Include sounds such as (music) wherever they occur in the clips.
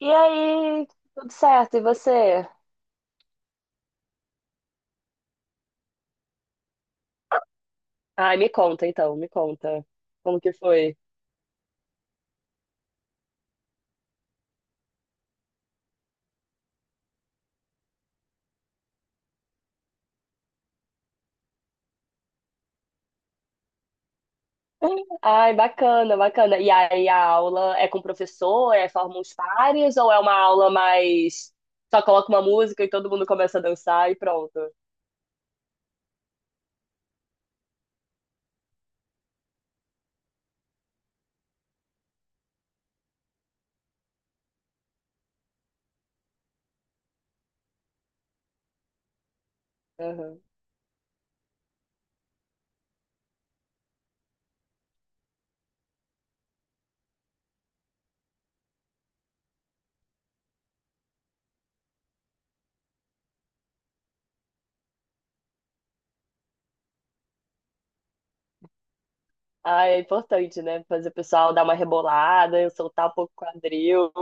E aí, tudo certo? E você? Ai, me conta então, me conta. Como que foi? Ai, bacana, bacana. E aí, a aula é com o professor? É forma uns pares? Ou é uma aula mais. Só coloca uma música e todo mundo começa a dançar e pronto? Aham. Ai, é importante, né? Fazer o pessoal dar uma rebolada, eu soltar um pouco o quadril.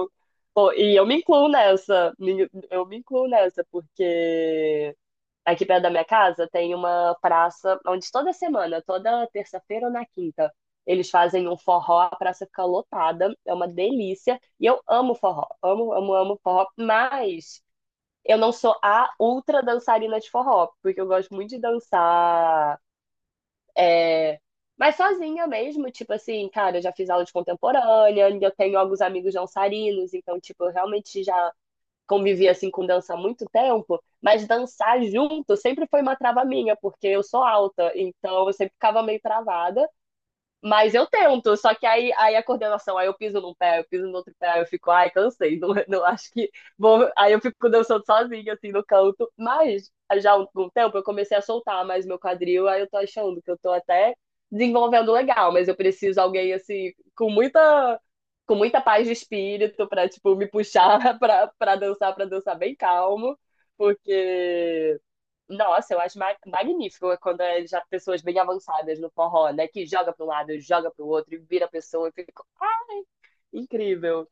Pô, e eu me incluo nessa. Eu me incluo nessa, porque. Aqui perto da minha casa tem uma praça onde toda semana, toda terça-feira ou na quinta, eles fazem um forró, a praça fica lotada, é uma delícia. E eu amo forró, amo, amo, amo forró, mas eu não sou a ultra dançarina de forró, porque eu gosto muito de dançar, é, mas sozinha mesmo, tipo assim, cara, eu já fiz aula de contemporânea, eu tenho alguns amigos dançarinos, então, tipo, eu realmente já convivi assim com dança há muito tempo, mas dançar junto sempre foi uma trava minha, porque eu sou alta, então eu sempre ficava meio travada. Mas eu tento, só que aí a coordenação, aí eu piso num pé, eu piso no outro pé, eu fico, ai, cansei, não, (laughs) não acho que vou. Aí eu fico dançando sozinha, assim, no canto. Mas já há um tempo eu comecei a soltar mais meu quadril, aí eu tô achando que eu tô até desenvolvendo legal, mas eu preciso alguém, assim, com muita paz de espírito pra, tipo, me puxar (laughs) pra dançar, pra dançar bem calmo, porque nossa, eu acho magnífico é quando é já pessoas bem avançadas no forró, né? Que joga para um lado, joga para o outro e vira a pessoa. Fica incrível.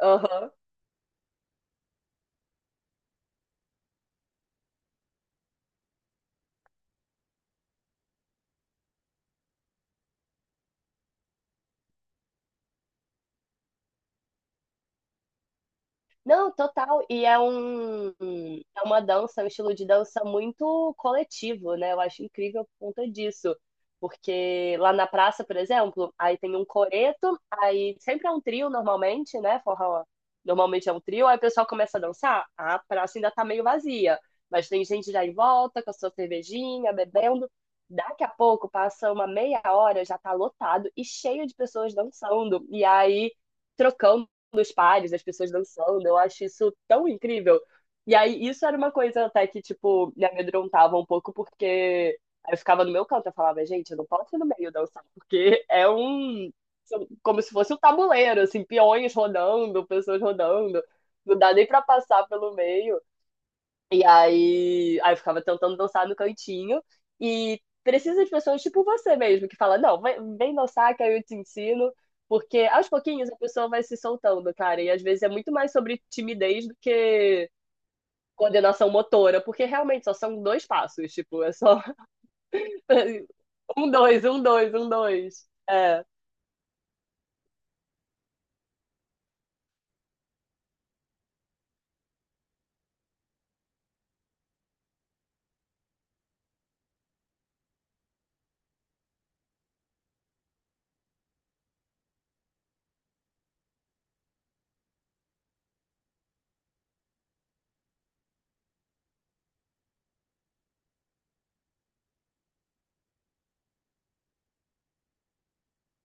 Aham. Não, total. É uma dança, é um estilo de dança muito coletivo, né? Eu acho incrível por conta disso. Porque lá na praça, por exemplo, aí tem um coreto, aí sempre é um trio normalmente, né? Forró normalmente é um trio, aí o pessoal começa a dançar, a praça ainda tá meio vazia, mas tem gente já em volta com a sua cervejinha, bebendo. Daqui a pouco, passa uma meia hora, já tá lotado e cheio de pessoas dançando. E aí trocando dos pares, as pessoas dançando, eu acho isso tão incrível. E aí, isso era uma coisa até que, tipo, me amedrontava um pouco, porque aí eu ficava no meu canto, eu falava, gente, eu não posso ir no meio dançar, porque é um. São Como se fosse um tabuleiro, assim, peões rodando, pessoas rodando, não dá nem pra passar pelo meio. E aí eu ficava tentando dançar no cantinho e precisa de pessoas tipo você mesmo, que fala, não, vem, vem dançar que aí eu te ensino, porque aos pouquinhos a pessoa vai se soltando, cara, e às vezes é muito mais sobre timidez do que coordenação motora, porque realmente só são dois passos, tipo, é só (laughs) um, dois, um, dois, um, dois. É,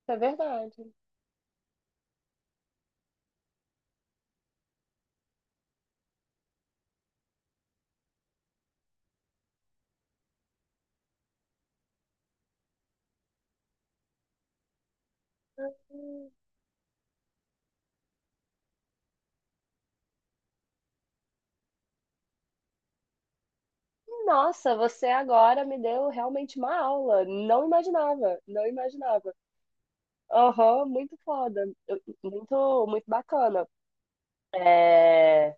é verdade. Nossa, você agora me deu realmente uma aula. Não imaginava, não imaginava. Aham, muito foda. Muito, muito bacana. É...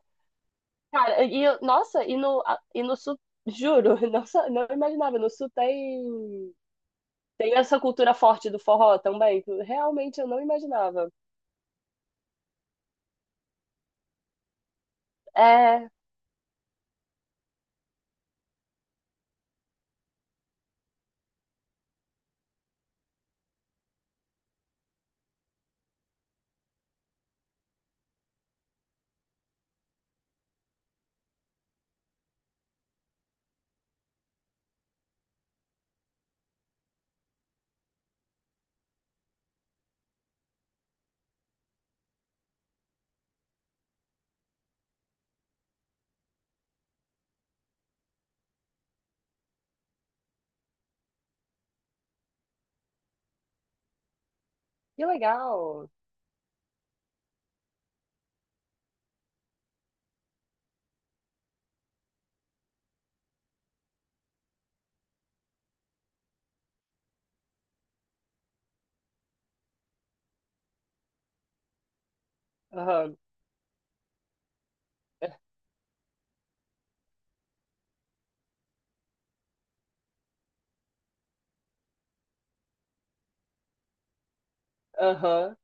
Cara, nossa, e no sul, juro, (laughs) nossa, não imaginava, no sul tem, tem essa cultura forte do forró também, que realmente eu não imaginava. É, que legal. Aham, aham,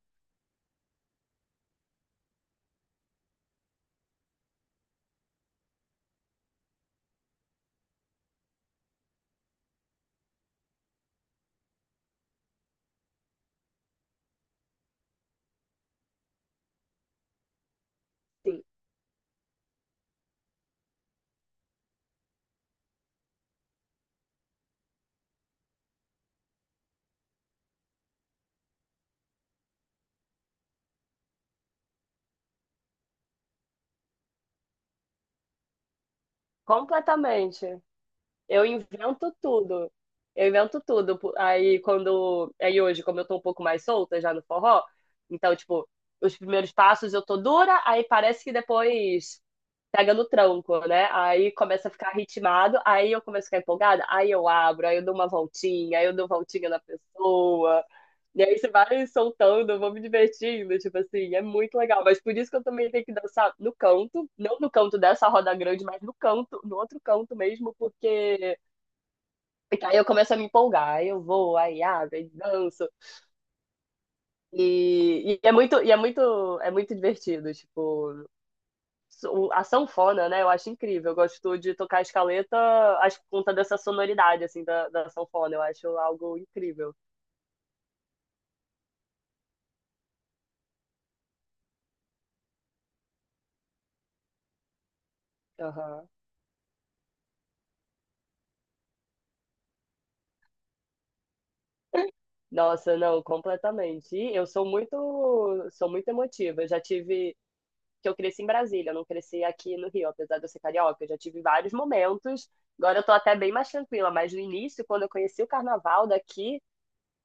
sim, completamente. Eu invento tudo. Eu invento tudo. Aí quando. Aí hoje, como eu tô um pouco mais solta já no forró, então, tipo, os primeiros passos eu tô dura, aí parece que depois pega no tronco, né? Aí começa a ficar ritmado, aí eu começo a ficar empolgada, aí eu abro, aí eu dou uma voltinha, aí eu dou voltinha na pessoa. E aí você vai soltando, eu vou me divertindo, tipo assim, é muito legal. Mas por isso que eu também tenho que dançar no canto, não no canto dessa roda grande, mas no canto, no outro canto mesmo, porque aí eu começo a me empolgar, aí eu vou, aí abro, aí danço. E é muito divertido, tipo, a sanfona, né? Eu acho incrível. Eu gosto de tocar a escaleta, acho que por conta dessa sonoridade, assim, da sanfona. Eu acho algo incrível. Aham. Nossa, não, completamente. E sou muito emotiva. Eu já tive, que eu cresci em Brasília, eu não cresci aqui no Rio, apesar de eu ser carioca. Eu já tive vários momentos. Agora eu tô até bem mais tranquila, mas no início, quando eu conheci o carnaval daqui,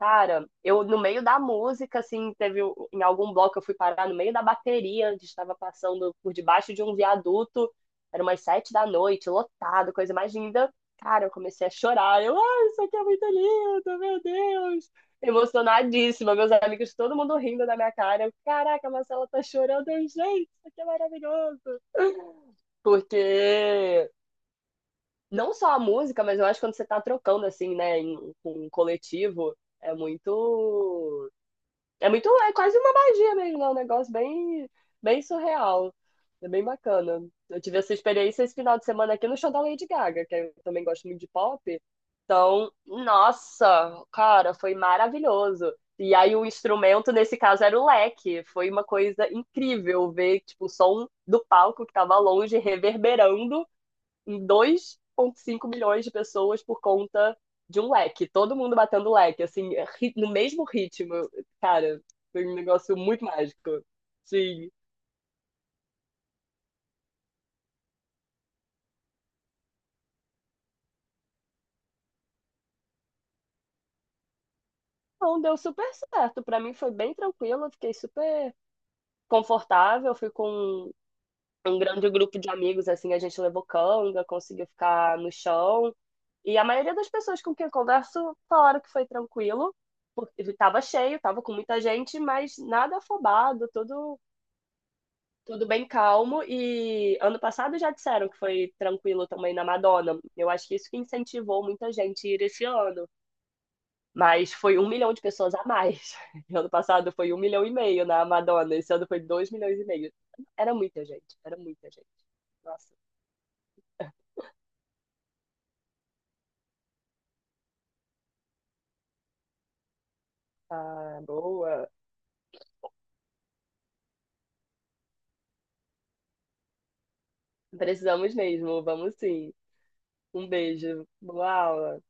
cara, eu no meio da música, assim, em algum bloco eu fui parar no meio da bateria, onde estava passando por debaixo de um viaduto, era umas sete da noite, lotado, coisa mais linda. Cara, eu comecei a chorar. Eu, ai, isso aqui é muito lindo, meu Deus! Emocionadíssima, meus amigos, todo mundo rindo da minha cara. Eu, caraca, a Marcela tá chorando, eu, gente, isso aqui é maravilhoso. Porque não só a música, mas eu acho que quando você tá trocando, assim, né, em, com um coletivo, é muito. É muito, é quase uma magia mesmo, é um negócio bem, bem surreal. É bem bacana. Eu tive essa experiência esse final de semana aqui no show da Lady Gaga, que eu também gosto muito de pop. Então, nossa, cara, foi maravilhoso. E aí o instrumento, nesse caso, era o leque. Foi uma coisa incrível ver, tipo, o som do palco que tava longe reverberando 2,5 milhões de pessoas por conta de um leque. Todo mundo batendo leque, assim, no mesmo ritmo. Cara, foi um negócio muito mágico. Sim. Então, deu super certo. Pra mim foi bem tranquilo, eu fiquei super confortável. Fui com um grande grupo de amigos, assim, a gente levou canga, conseguiu ficar no chão. E a maioria das pessoas com quem eu converso falaram que foi tranquilo, porque estava cheio, estava com muita gente, mas nada afobado, tudo bem calmo. E ano passado já disseram que foi tranquilo também na Madonna. Eu acho que isso que incentivou muita gente a ir esse ano. Mas foi um milhão de pessoas a mais. (laughs) Ano passado foi um milhão e meio na Madonna. Esse ano foi dois milhões e meio. Era muita gente, era muita gente. Nossa, tá boa. Precisamos mesmo, vamos sim. Um beijo. Boa aula.